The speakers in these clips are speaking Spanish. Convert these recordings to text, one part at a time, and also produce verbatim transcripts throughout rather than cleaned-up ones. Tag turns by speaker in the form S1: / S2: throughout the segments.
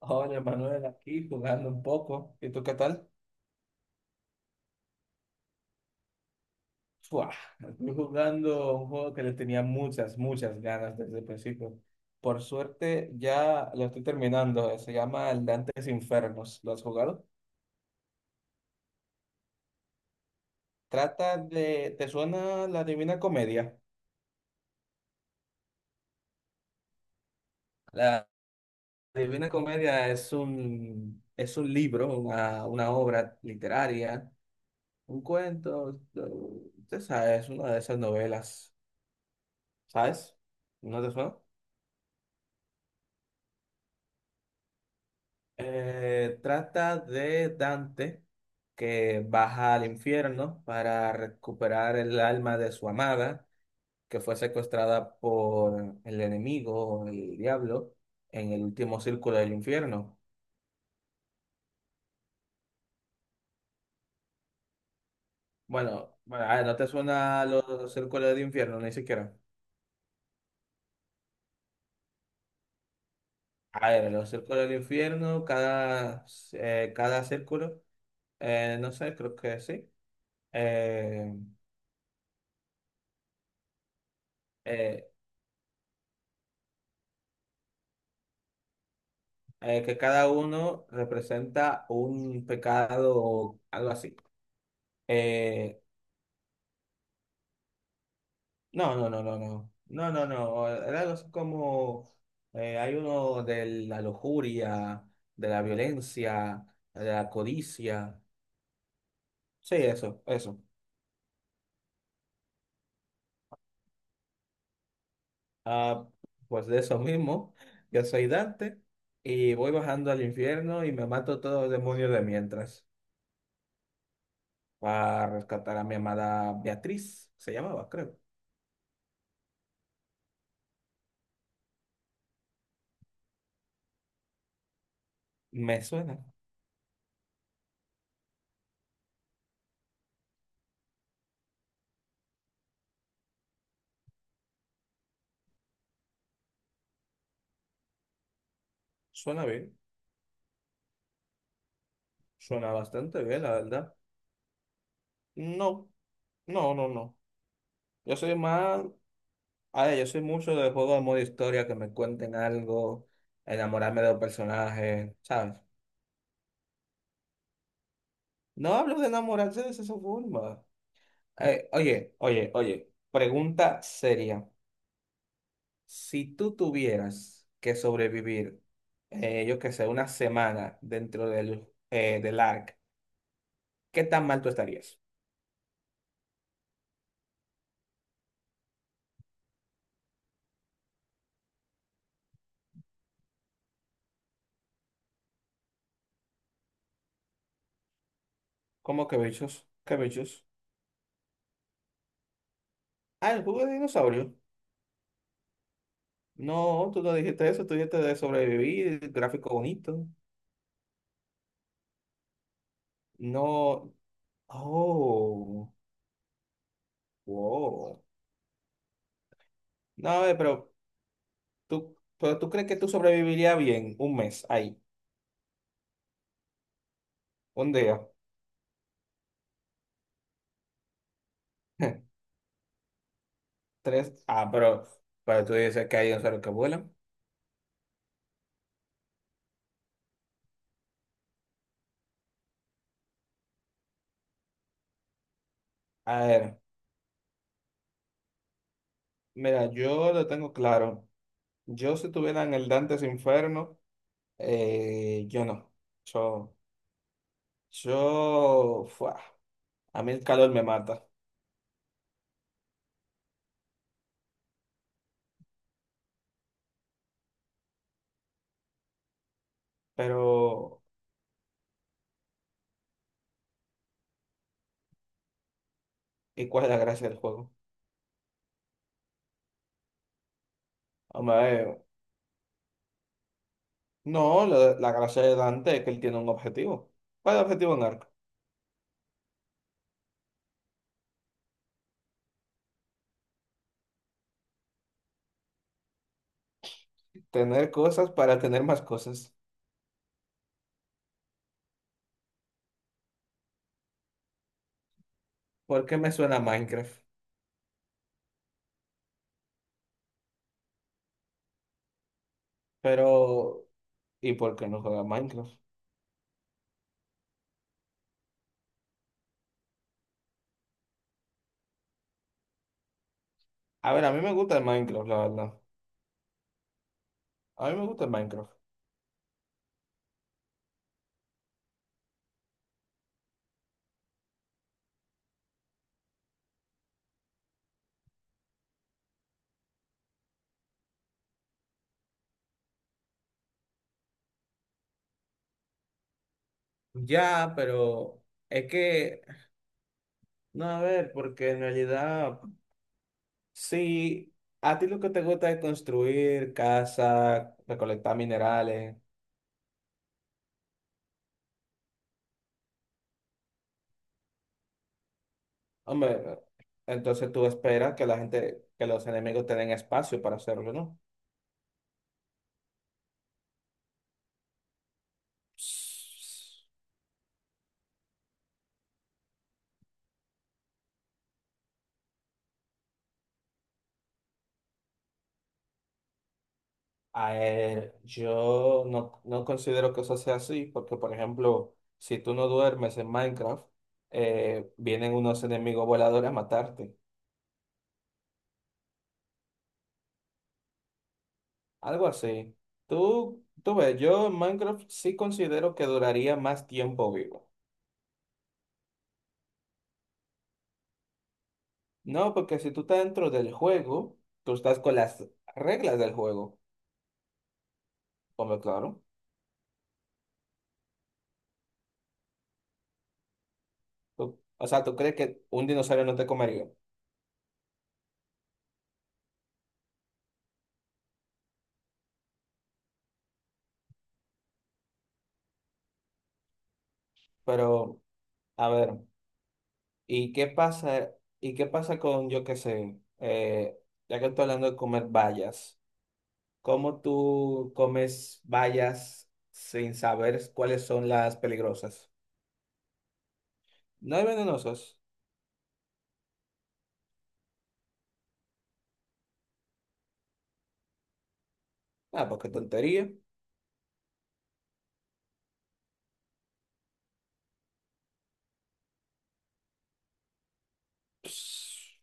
S1: Hola Manuel, aquí jugando un poco. ¿Y tú qué tal? Fua, estoy jugando un juego que le tenía muchas, muchas ganas desde el principio. Por suerte ya lo estoy terminando. Se llama El Dantes Infernos. ¿Lo has jugado? Trata de... ¿Te suena la Divina Comedia? La Divina Comedia es un, es un libro, una, una obra literaria, un cuento. eh, Usted sabe, es una de esas novelas. ¿Sabes? ¿No te suena? Eh, trata de Dante que baja al infierno para recuperar el alma de su amada, que fue secuestrada por el enemigo, el diablo, en el último círculo del infierno. Bueno, bueno, a ver, ¿no te suena los círculos del infierno? Ni siquiera. A ver, los círculos del infierno, cada, eh, cada círculo, eh, no sé, creo que sí. Eh, eh, eh, que cada uno representa un pecado o algo así. Eh, no, no, no, no, no. No, no, no. Era algo así como eh, hay uno de la lujuria, de la violencia, de la codicia. Sí, eso, eso. Ah, pues de eso mismo, yo soy Dante y voy bajando al infierno y me mato todos los demonios de mientras para rescatar a mi amada Beatriz, se llamaba, creo. Me suena, suena bien. Suena bastante bien, la verdad. No, no, no, no. Yo soy más, a ver, yo soy mucho de juegos de modo historia, que me cuenten algo, enamorarme de los personajes, ¿sabes? No hablo de enamorarse de esa forma. Eh, oye, oye, oye, pregunta seria. Si tú tuvieras que sobrevivir, eh, yo qué sé, una semana dentro del, eh, del A R C, ¿qué tan mal tú estarías? ¿Cómo que bichos? ¿Qué bichos? Ah, el juego de dinosaurio. No, tú no dijiste eso, tú dijiste de sobrevivir, gráfico bonito. No, oh, wow. No, a ver, pero tú, pero tú crees que tú sobrevivirías bien un mes ahí, un día, tres. Ah, pero, pero tú dices que hay dinosaurios que vuelan. A ver, mira, yo lo tengo claro. Yo si estuviera en el Dantes Inferno, eh, yo no. Yo, yo, fuah, a mí el calor me mata, pero ¿y cuál es la gracia del juego? Hombre, no, la, la gracia de Dante es que él tiene un objetivo. ¿Cuál es el objetivo de Narco? Tener cosas para tener más cosas. ¿Por qué me suena a Minecraft? Pero, ¿y por qué no juega Minecraft? A ver, a mí me gusta el Minecraft, la verdad. A mí me gusta el Minecraft. Ya, pero es que, no, a ver, porque en realidad, sí, a ti lo que te gusta es construir casa, recolectar minerales. Hombre, entonces tú esperas que la gente, que los enemigos tengan espacio para hacerlo, ¿no? A ver, yo no, no considero que eso sea así, porque por ejemplo, si tú no duermes en Minecraft, eh, vienen unos enemigos voladores a matarte, algo así. Tú, tú ves, yo en Minecraft sí considero que duraría más tiempo vivo. No, porque si tú estás dentro del juego, tú estás con las reglas del juego, hombre, claro. Tú- o sea, tú crees que un dinosaurio no te comería, pero a ver. ¿Y qué pasa? ¿Y qué pasa con, yo qué sé, eh, ya que estoy hablando de comer bayas, ¿cómo tú comes bayas sin saber cuáles son las peligrosas? No hay venenosas. Ah, porque tontería. Pss,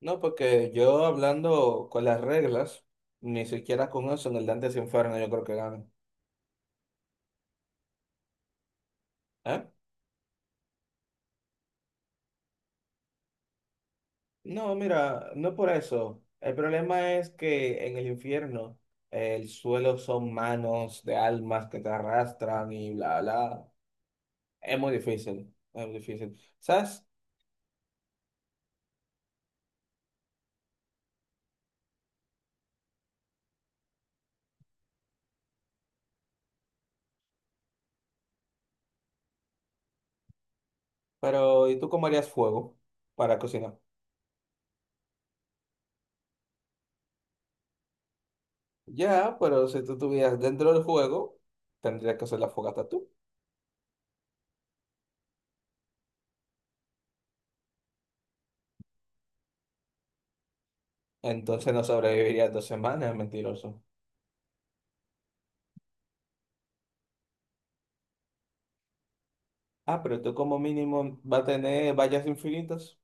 S1: No, porque yo hablando con las reglas, ni siquiera con eso en el Dante se Inferno yo creo que ganan. No, mira, no por eso. El problema es que en el infierno el suelo son manos de almas que te arrastran y bla, bla. Es muy difícil, es muy difícil. ¿Sabes? Pero, ¿y tú cómo harías fuego para cocinar? Ya, pero si tú estuvieras dentro del juego, tendrías que hacer la fogata tú. Entonces no sobrevivirías dos semanas, mentiroso. Ah, pero tú como mínimo va a tener vallas infinitas.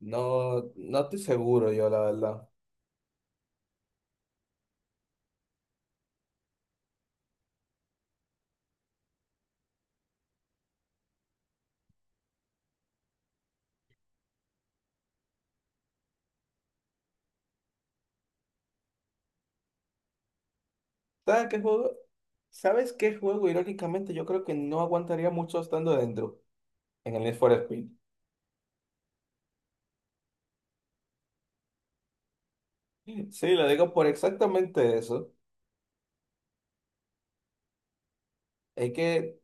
S1: No, no estoy seguro yo, la verdad. ¿Sabes qué juego? ¿Sabes qué juego? Irónicamente, yo creo que no aguantaría mucho estando dentro en el Need for Speed. Sí, lo digo por exactamente eso. Es que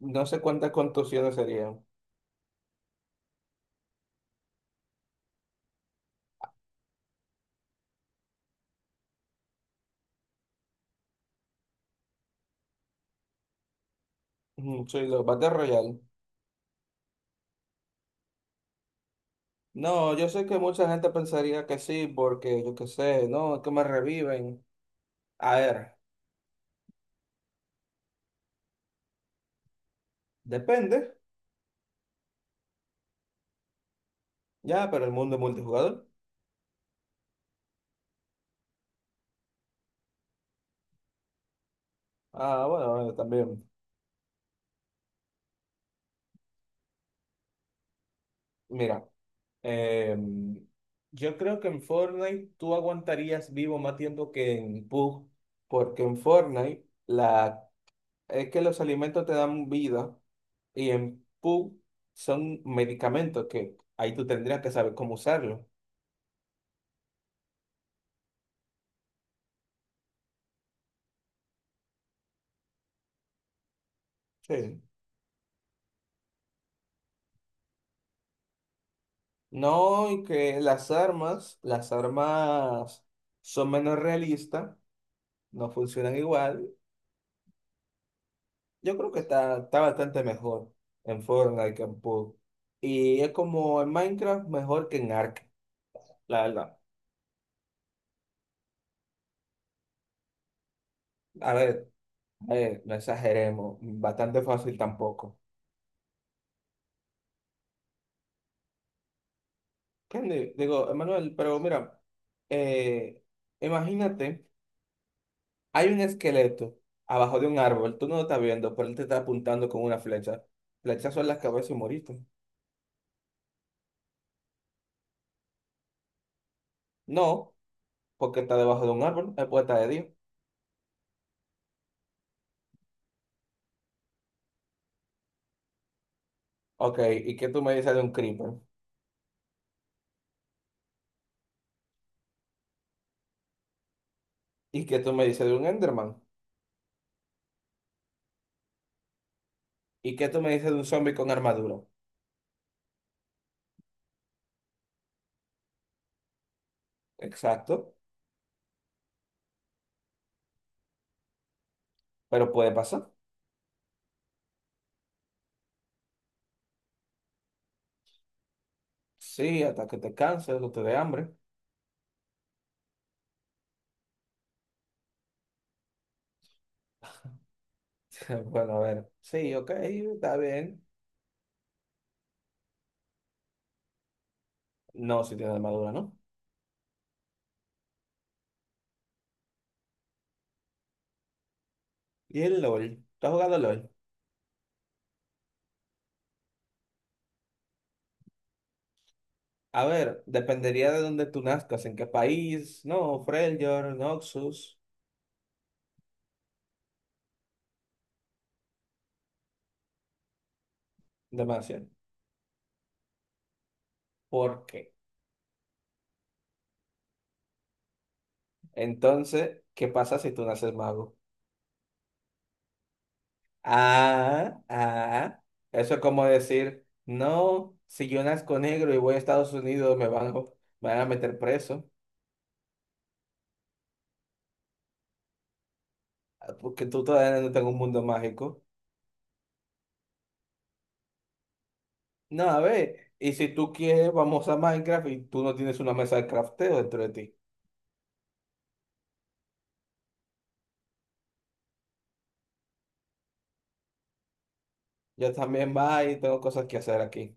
S1: no sé cuántas contusiones serían. Ujú, sí, los Battle Royale. No, yo sé que mucha gente pensaría que sí, porque yo qué sé, no, es que me reviven. A ver, depende, ya, pero el mundo es multijugador. Ah, bueno, bueno, también. Mira. Eh, yo creo que en Fortnite tú aguantarías vivo más tiempo que en P U B G, porque en Fortnite la, es que los alimentos te dan vida y en P U B G son medicamentos que ahí tú tendrías que saber cómo usarlo. Sí. No, y que las armas, las armas son menos realistas, no funcionan igual. Yo creo que está, está bastante mejor en Fortnite que en P U B G. Y es como en Minecraft mejor que en Ark. La verdad. A ver, a ver, no exageremos. Bastante fácil tampoco. ¿Entiendes? Digo, Emanuel, pero mira, eh, imagínate, hay un esqueleto abajo de un árbol. Tú no lo estás viendo, pero él te está apuntando con una flecha. Flechazo en la cabeza y moriste. No, porque está debajo de un árbol. Es puerta de Dios. Ok, ¿y qué tú me dices de un creeper? ¿Y qué tú me dices de un Enderman? ¿Y qué tú me dices de un zombie con armadura? Exacto, pero puede pasar. Sí, hasta que te canses o te dé hambre. Eh, Bueno, a ver. Sí, ok, está bien. No, si tiene armadura, ¿no? Y el LOL. ¿Tú has jugado LOL? A ver, dependería de dónde tú nazcas, en qué país, no, Freljord, Noxus, demasiado. ¿Por qué? Entonces, ¿qué pasa si tú naces mago? Ah, ah. Eso es como decir, no, si yo nazco negro y voy a Estados Unidos, me van, a- me van a meter preso, ah, porque tú todavía no tengo un mundo mágico. No, a ver, y si tú quieres, vamos a Minecraft y tú no tienes una mesa de crafteo dentro de ti. Yo también va y tengo cosas que hacer aquí.